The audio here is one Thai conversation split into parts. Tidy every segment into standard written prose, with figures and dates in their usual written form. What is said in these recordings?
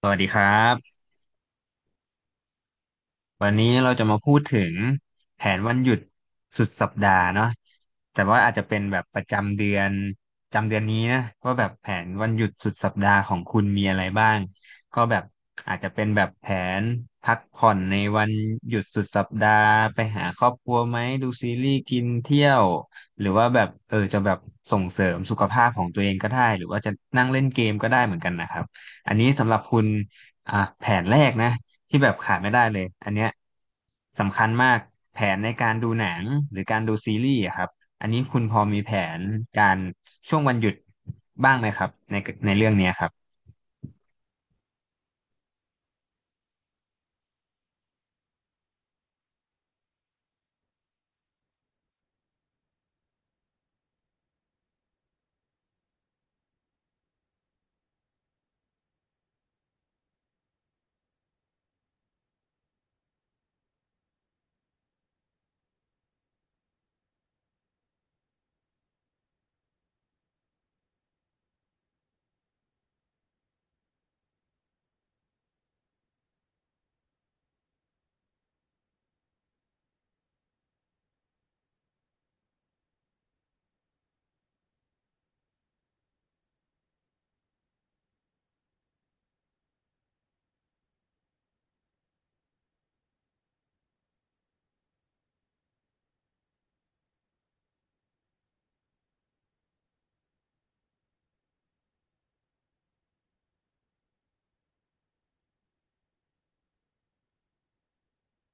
สวัสดีครับวันนี้เราจะมาพูดถึงแผนวันหยุดสุดสัปดาห์เนาะแต่ว่าอาจจะเป็นแบบประจำเดือนประจำเดือนนี้นะว่าแบบแผนวันหยุดสุดสัปดาห์ของคุณมีอะไรบ้างก็แบบอาจจะเป็นแบบแผนพักผ่อนในวันหยุดสุดสัปดาห์ไปหาครอบครัวไหมดูซีรีส์กินเที่ยวหรือว่าแบบเออจะแบบส่งเสริมสุขภาพของตัวเองก็ได้หรือว่าจะนั่งเล่นเกมก็ได้เหมือนกันนะครับอันนี้สำหรับคุณ อ่ะแผนแรกนะที่แบบขาดไม่ได้เลยอันเนี้ยสำคัญมากแผนในการดูหนังหรือการดูซีรีส์อะครับอันนี้คุณพอมีแผนการช่วงวันหยุดบ้างไหมครับในเรื่องเนี้ยครับ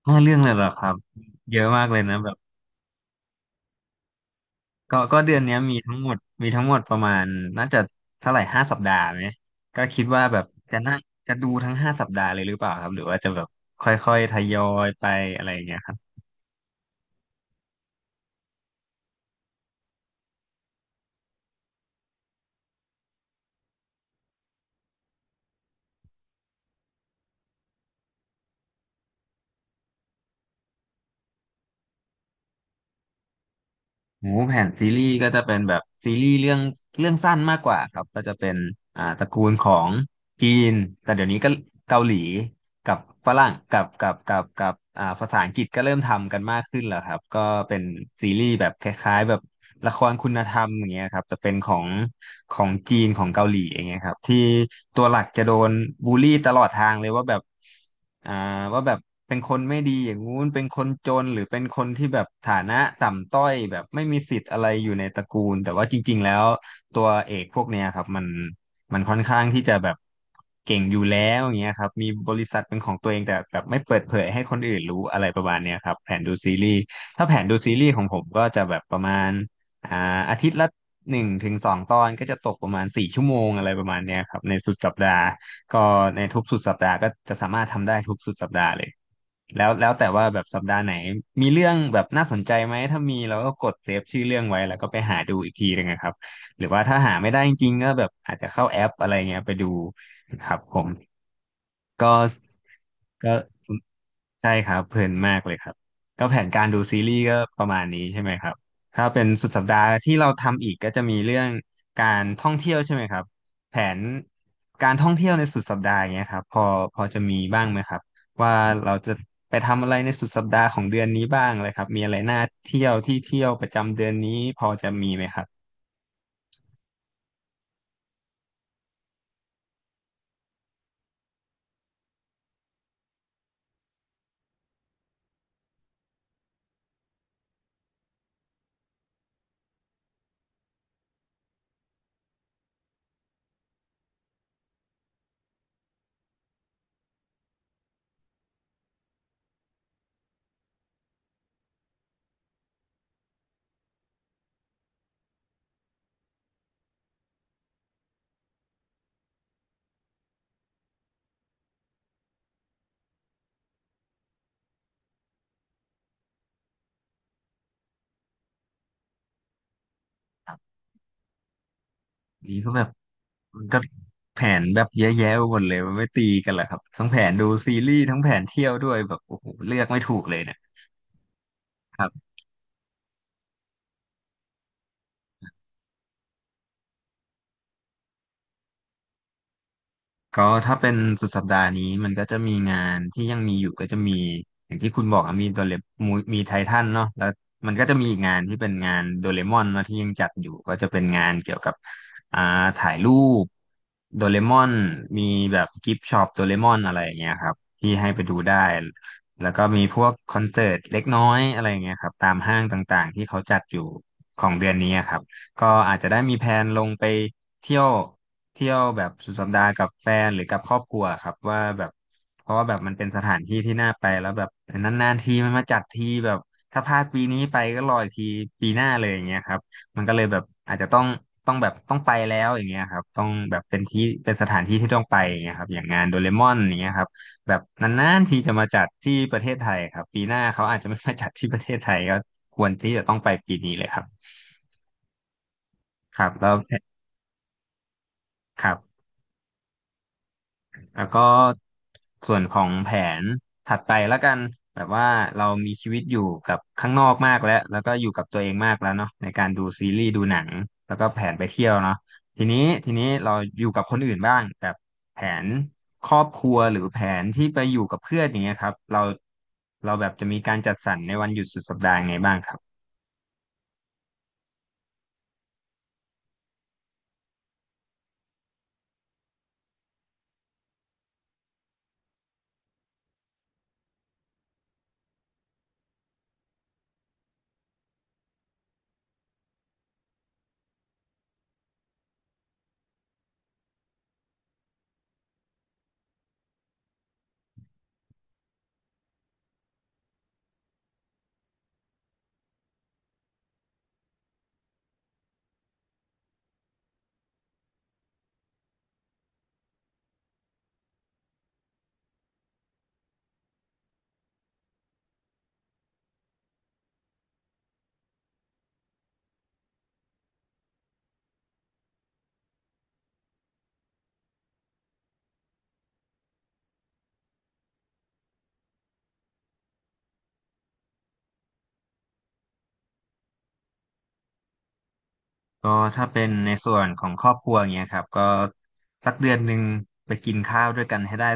ห้าเรื่องเลยเหรอครับเยอะมากเลยนะแบบก็เดือนเนี้ยมีทั้งหมดประมาณน่าจะเท่าไหร่ห้าสัปดาห์ไหมก็คิดว่าแบบจะน่าจะดูทั้งห้าสัปดาห์เลยหรือเปล่าครับหรือว่าจะแบบค่อยๆทยอยไปอะไรอย่างเงี้ยครับ โอ้แผนซีรีส์ก็จะเป็นแบบซีรีส์เรื่องสั้นมากกว่าครับ ก็จะเป็นตระกูลของจีน แต่เดี๋ยวนี้ก็เกาหลีกับฝรั่งกับภาษาอังกฤษก็เริ่มทำกันมากขึ้นแล้วครับ ก็เป็นซีรีส์แบบคล้ายๆแบบ ละครคุณธรรมอย่างเงี้ยครับจะเป็นของจีนของเกาหลีอย่างเงี้ยครับที่ตัวหลักจะโดนบูลลี่ตลอดทางเลยว่าแบบอ่าว่าแบบเป็นคนไม่ดีอย่างงู้นเป็นคนจนหรือเป็นคนที่แบบฐานะต่ำต้อยแบบไม่มีสิทธิ์อะไรอยู่ในตระกูลแต่ว่าจริงๆแล้วตัวเอกพวกเนี้ยครับมันค่อนข้างที่จะแบบเก่งอยู่แล้วอย่างเงี้ยครับมีบริษัทเป็นของตัวเองแต่แบบไม่เปิดเผยให้คนอื่นรู้อะไรประมาณเนี้ยครับแผนดูซีรีส์ถ้าแผนดูซีรีส์ของผมก็จะแบบประมาณ อ่าอาทิตย์ละหนึ่งถึงสองตอนก็จะตกประมาณสี่ชั่วโมงอะไรประมาณเนี้ยครับในสุดสัปดาห์ก็ในทุกสุดสัปดาห์ก็จะสามารถทำได้ทุกสุดสัปดาห์เลยแล้วแต่ว่าแบบสัปดาห์ไหนมีเรื่องแบบน่าสนใจไหมถ้ามีเราก็กดเซฟชื่อเรื่องไว้แล้วก็ไปหาดูอีกทีหนึงนะครับหรือว่าถ้าหาไม่ได้จริงๆก็แบบอาจจะเข้าแอปอะไรเงี้ยไปดูครับผม ก็ก็ใช่ครับเพลินมากเลยครับก็แผนการดูซีรีส์ก็ประมาณนี้ใช่ไหมครับถ้าเป็นสุดสัปดาห์ที่เราทำอีกก็จะมีเรื่องการท่องเที่ยวใช่ไหมครับแผนการท่องเที่ยวในสุดสัปดาห์อย่างเงี้ยครับพอจะมีบ้างไหมครับว่าเราจะไปทำอะไรในสุดสัปดาห์ของเดือนนี้บ้างเลยครับมีอะไรน่าเที่ยวที่เที่ยวประจำเดือนนี้พอจะมีไหมครับ นี้ก็แบบมันก็แผนแบบเยอะแยะไปหมดเลยมันไม่ตีกันเหรอครับทั้งแผนดูซีรีส์ทั้งแผนเที่ยวด้วยแบบโอ้โหเลือกไม่ถูกเลยเนี่ย ก็ถ้าเป็นสุดสัปดาห์นี้มันก็จะมีงานที่ยังมีอยู่ก็จะมีอย่างที่คุณบอกอะมีโดเรมมีไททันเนาะแล้วมันก็จะมีอีกงานที่เป็นงานโดเรมอนเนาะที่ยังจัดอยู่ก็จะเป็นงานเกี่ยวกับอ่าถ่ายรูปโดเรมอนมีแบบกิฟต์ช็อปโดเรมอนอะไรอย่างเงี้ยครับที่ให้ไปดูได้แล้วก็มีพวกคอนเสิร์ตเล็กน้อยอะไรอย่างเงี้ยครับตามห้างต่างๆที่เขาจัดอยู่ของเดือนนี้อะครับ ก็อาจจะได้มีแผนลงไปเที่ยวแบบสุดสัปดาห์กับแฟนหรือกับครอบครัวครับว่าแบบเพราะว่าแบบมันเป็นสถานที่ที่น่าไปแล้วแบบนานๆทีมันมาจัดทีแบบถ้าพลาดปีนี้ไปก็รออีกทีปีหน้าเลยอย่างเงี้ยครับมันก็เลยแบบอาจจะต้องต้องแบบต้องไปแล้วอย่างเงี้ยครับต้องแบบเป็นที่เป็นสถานที่ที่ต้องไปอย่างเงี้ยครับอย่างงานโดเรมอนอย่างเงี้ยครับแบบนานๆทีจะมาจัดที่ประเทศไทยครับปีหน้าเขาอาจจะไม่มาจัดที่ประเทศไทยก็ควรที่จะต้องไปปีนี้เลยครับครับแล้วแท ครับแล้วก็ส่วนของแผนถัดไปแล้วกันแบบว่าเรามีชีวิตอยู่กับข้างนอกมากแล้วแล้วก็อยู่กับตัวเองมากแล้วเนาะในการดูซีรีส์ดูหนังแล้วก็แผนไปเที่ยวเนาะทีนี้ทีนี้เราอยู่กับคนอื่นบ้างแบบแผนครอบครัวหรือแผนที่ไปอยู่กับเพื่อนอย่างเงี้ยครับเราแบบจะมีการจัดสรรในวันหยุดสุดสัปดาห์ยังไงบ้างครับ ก็ถ้าเป็นในส่วนของครอบครัวอย่างเงี้ยครับก็สักเดือนหนึ่งไปกินข้าวด้วยกันให้ได้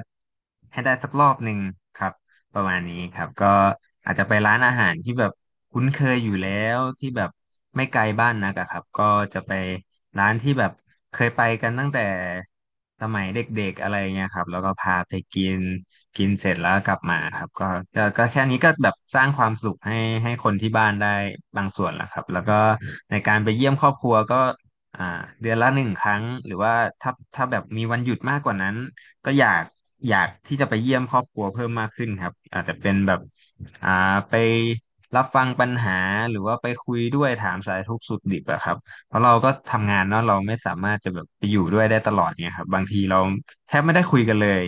ให้ได้สักรอบหนึ่งครับ ประมาณนี้ครับก็อาจจะไปร้านอาหารที่แบบคุ้นเคยอยู่แล้วที่แบบไม่ไกลบ้านนักอะครับก็จะไปร้านที่แบบเคยไปกันตั้งแต่สมัยเด็กๆอะไรเงี้ยครับแล้วก็พาไปกินกินเสร็จแล้วกลับมาครับก็แค่นี้ก็แบบสร้างความสุขให้คนที่บ้านได้บางส่วนแล้วครับแล้วก็ในการไปเยี่ยมครอบครัวก็อ่าเดือนละหนึ่งครั้งหรือว่าถ้าแบบมีวันหยุดมากกว่านั้น ก็อยากที่จะไปเยี่ยมครอบครัวเพิ่มมากขึ้นครับอาจจะเป็นแบบอ่าไปรับฟังปัญหาหรือว่าไปคุยด้วยถามสารทุกข์สุขดิบอะครับเพราะเราก็ทำงานเนาะเราไม่สามารถจะแบบไปอยู่ด้วยได้ตลอดเนี่ยครับบางทีเราแทบไม่ได้คุยกันเลย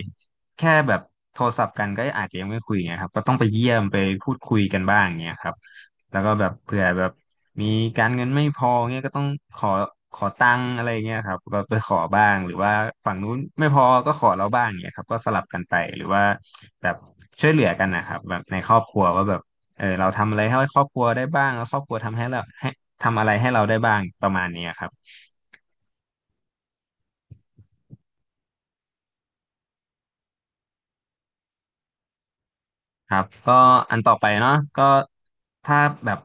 แค่แบบโทรศัพท์กันก็อาจจะยังไม่คุยไงครับก็ต้องไปเยี่ยมไปพูดคุยกันบ้างเนี่ยครับแล้วก็แบบเผื่อแบบ มีการเงินไม่พอเงี้ยก็ต้องขอขอตังค์อะไรเงี้ยครับก็ไปขอบ้างหรือว่าฝั่งนู้นไม่พอก็ขอเราบ้างเงี้ยครับก็สลับกันไปหรือว่าแบบช่วยเหลือกันนะครับแบบในครอบครัวว่าแบบเออเราทำอะไรให้ครอบครัวได้บ้างแล้วครอบครัวทำให้เราให้ทำอะไรให้เราได้บ้างประมาณเนี้ยครับ ครับก็อันต่อไปเนาะก็ถ้าแบบ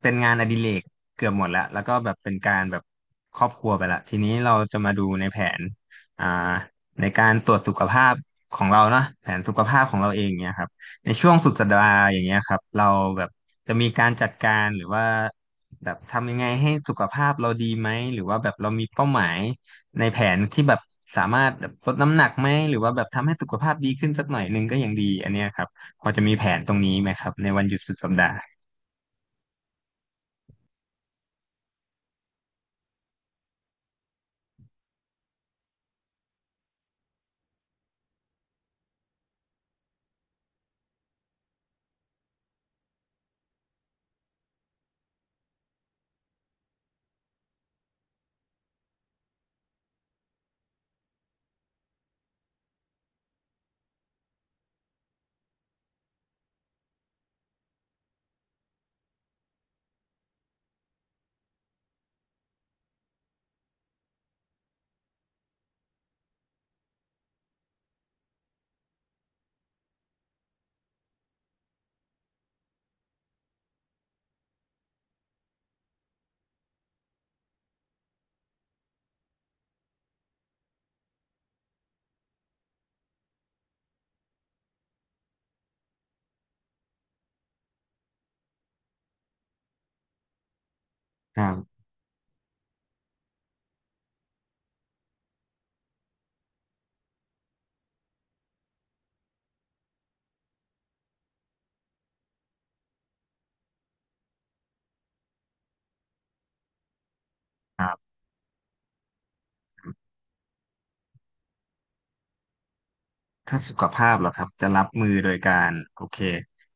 เป็นงานอดิเรกเกือบหมดแล้วแล้วก็แบบเป็นการแบบครอบครัวไปละทีนี้เราจะมาดูในแผนอ่าในการตรวจสุขภาพของเราเนาะแผนสุขภาพของเราเองเนี่ยครับในช่วงสุดสัปดาห์อย่างเงี้ยครับเราแบบจะมีการจัดการหรือว่าแบบทำยังไงให้สุขภาพเราดีไหมหรือว่าแบบเรามีเป้าหมายในแผนที่แบบสามารถแบบลดน้ำหนักไหมหรือว่าแบบทำให้สุขภาพดีขึ้นสักหน่อยหนึงก็ยังดีอันเนี้ยครับ พอจะมีแผนตรงนี้ไหมครับในวันหยุดสุดสัปดาห์ครับครับถ้าสุขภาพเหรอครับจะรับมือโดยการโอเค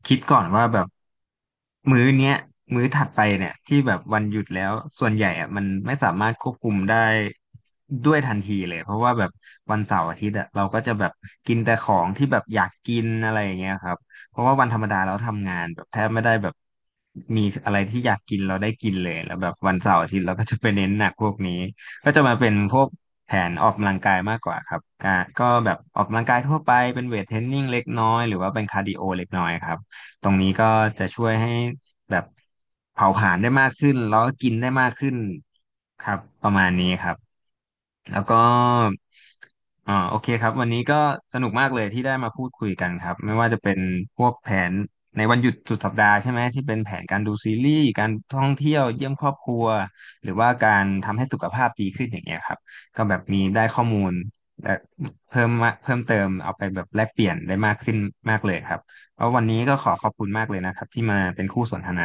คิดก่อนว่าแบบมื้อเนี้ยมื้อถัดไปเนี่ยที่แบบวันหยุดแล้วส่วนใหญ่อะมันไม่สามารถควบคุมได้ด้วยทันทีเลยเพราะว่าแบบวันเสาร์อาทิตย์อะเราก็จะแบบกินแต่ของที่แบบอยากกินอะไรอย่างเงี้ยครับเพราะว่าวันธรรมดาเราทำงานแบบแทบไม่ได้แบบมีอะไรที่อยากกินเราได้กินเลยแล้วแบบวันเสาร์อาทิตย์เราก็จะไปเน้นหนักพวกนี้ ก็จะมาเป็นพวกแผนออกกำลังกายมากกว่าครับกก็แบบออกกำลังกายทั่วไปเป็นเวทเทรนนิ่งเล็กน้อยหรือว่าเป็นคาร์ดิโอเล็กน้อยครับตรงนี้ก็จะช่วยให้แบบเผาผลาญได้มากขึ้นแล้วก็กินได้มากขึ้นครับประมาณนี้ครับแล้วก็โอเคครับวันนี้ก็สนุกมากเลยที่ได้มาพูดคุยกันครับไม่ว่าจะเป็นพวกแผน ในวันหยุดสุดสัปดาห์ใช่ไหมที่เป็นแผนการดูซีรีส์การท่องเที่ยวเยี่ยมครอบครัวหรือว่าการทำให้สุขภาพดีขึ้นอย่างเงี้ยครับก็แบบมีได้ข้อมูลและเพิ่มมาเพิ่มเติมเอาไปแบบแลกเปลี่ยนได้มากขึ้นมากเลยครับเพราะวันนี้ก็ขอขอบคุณมากเลยนะครับที่มาเป็นคู่สนทนา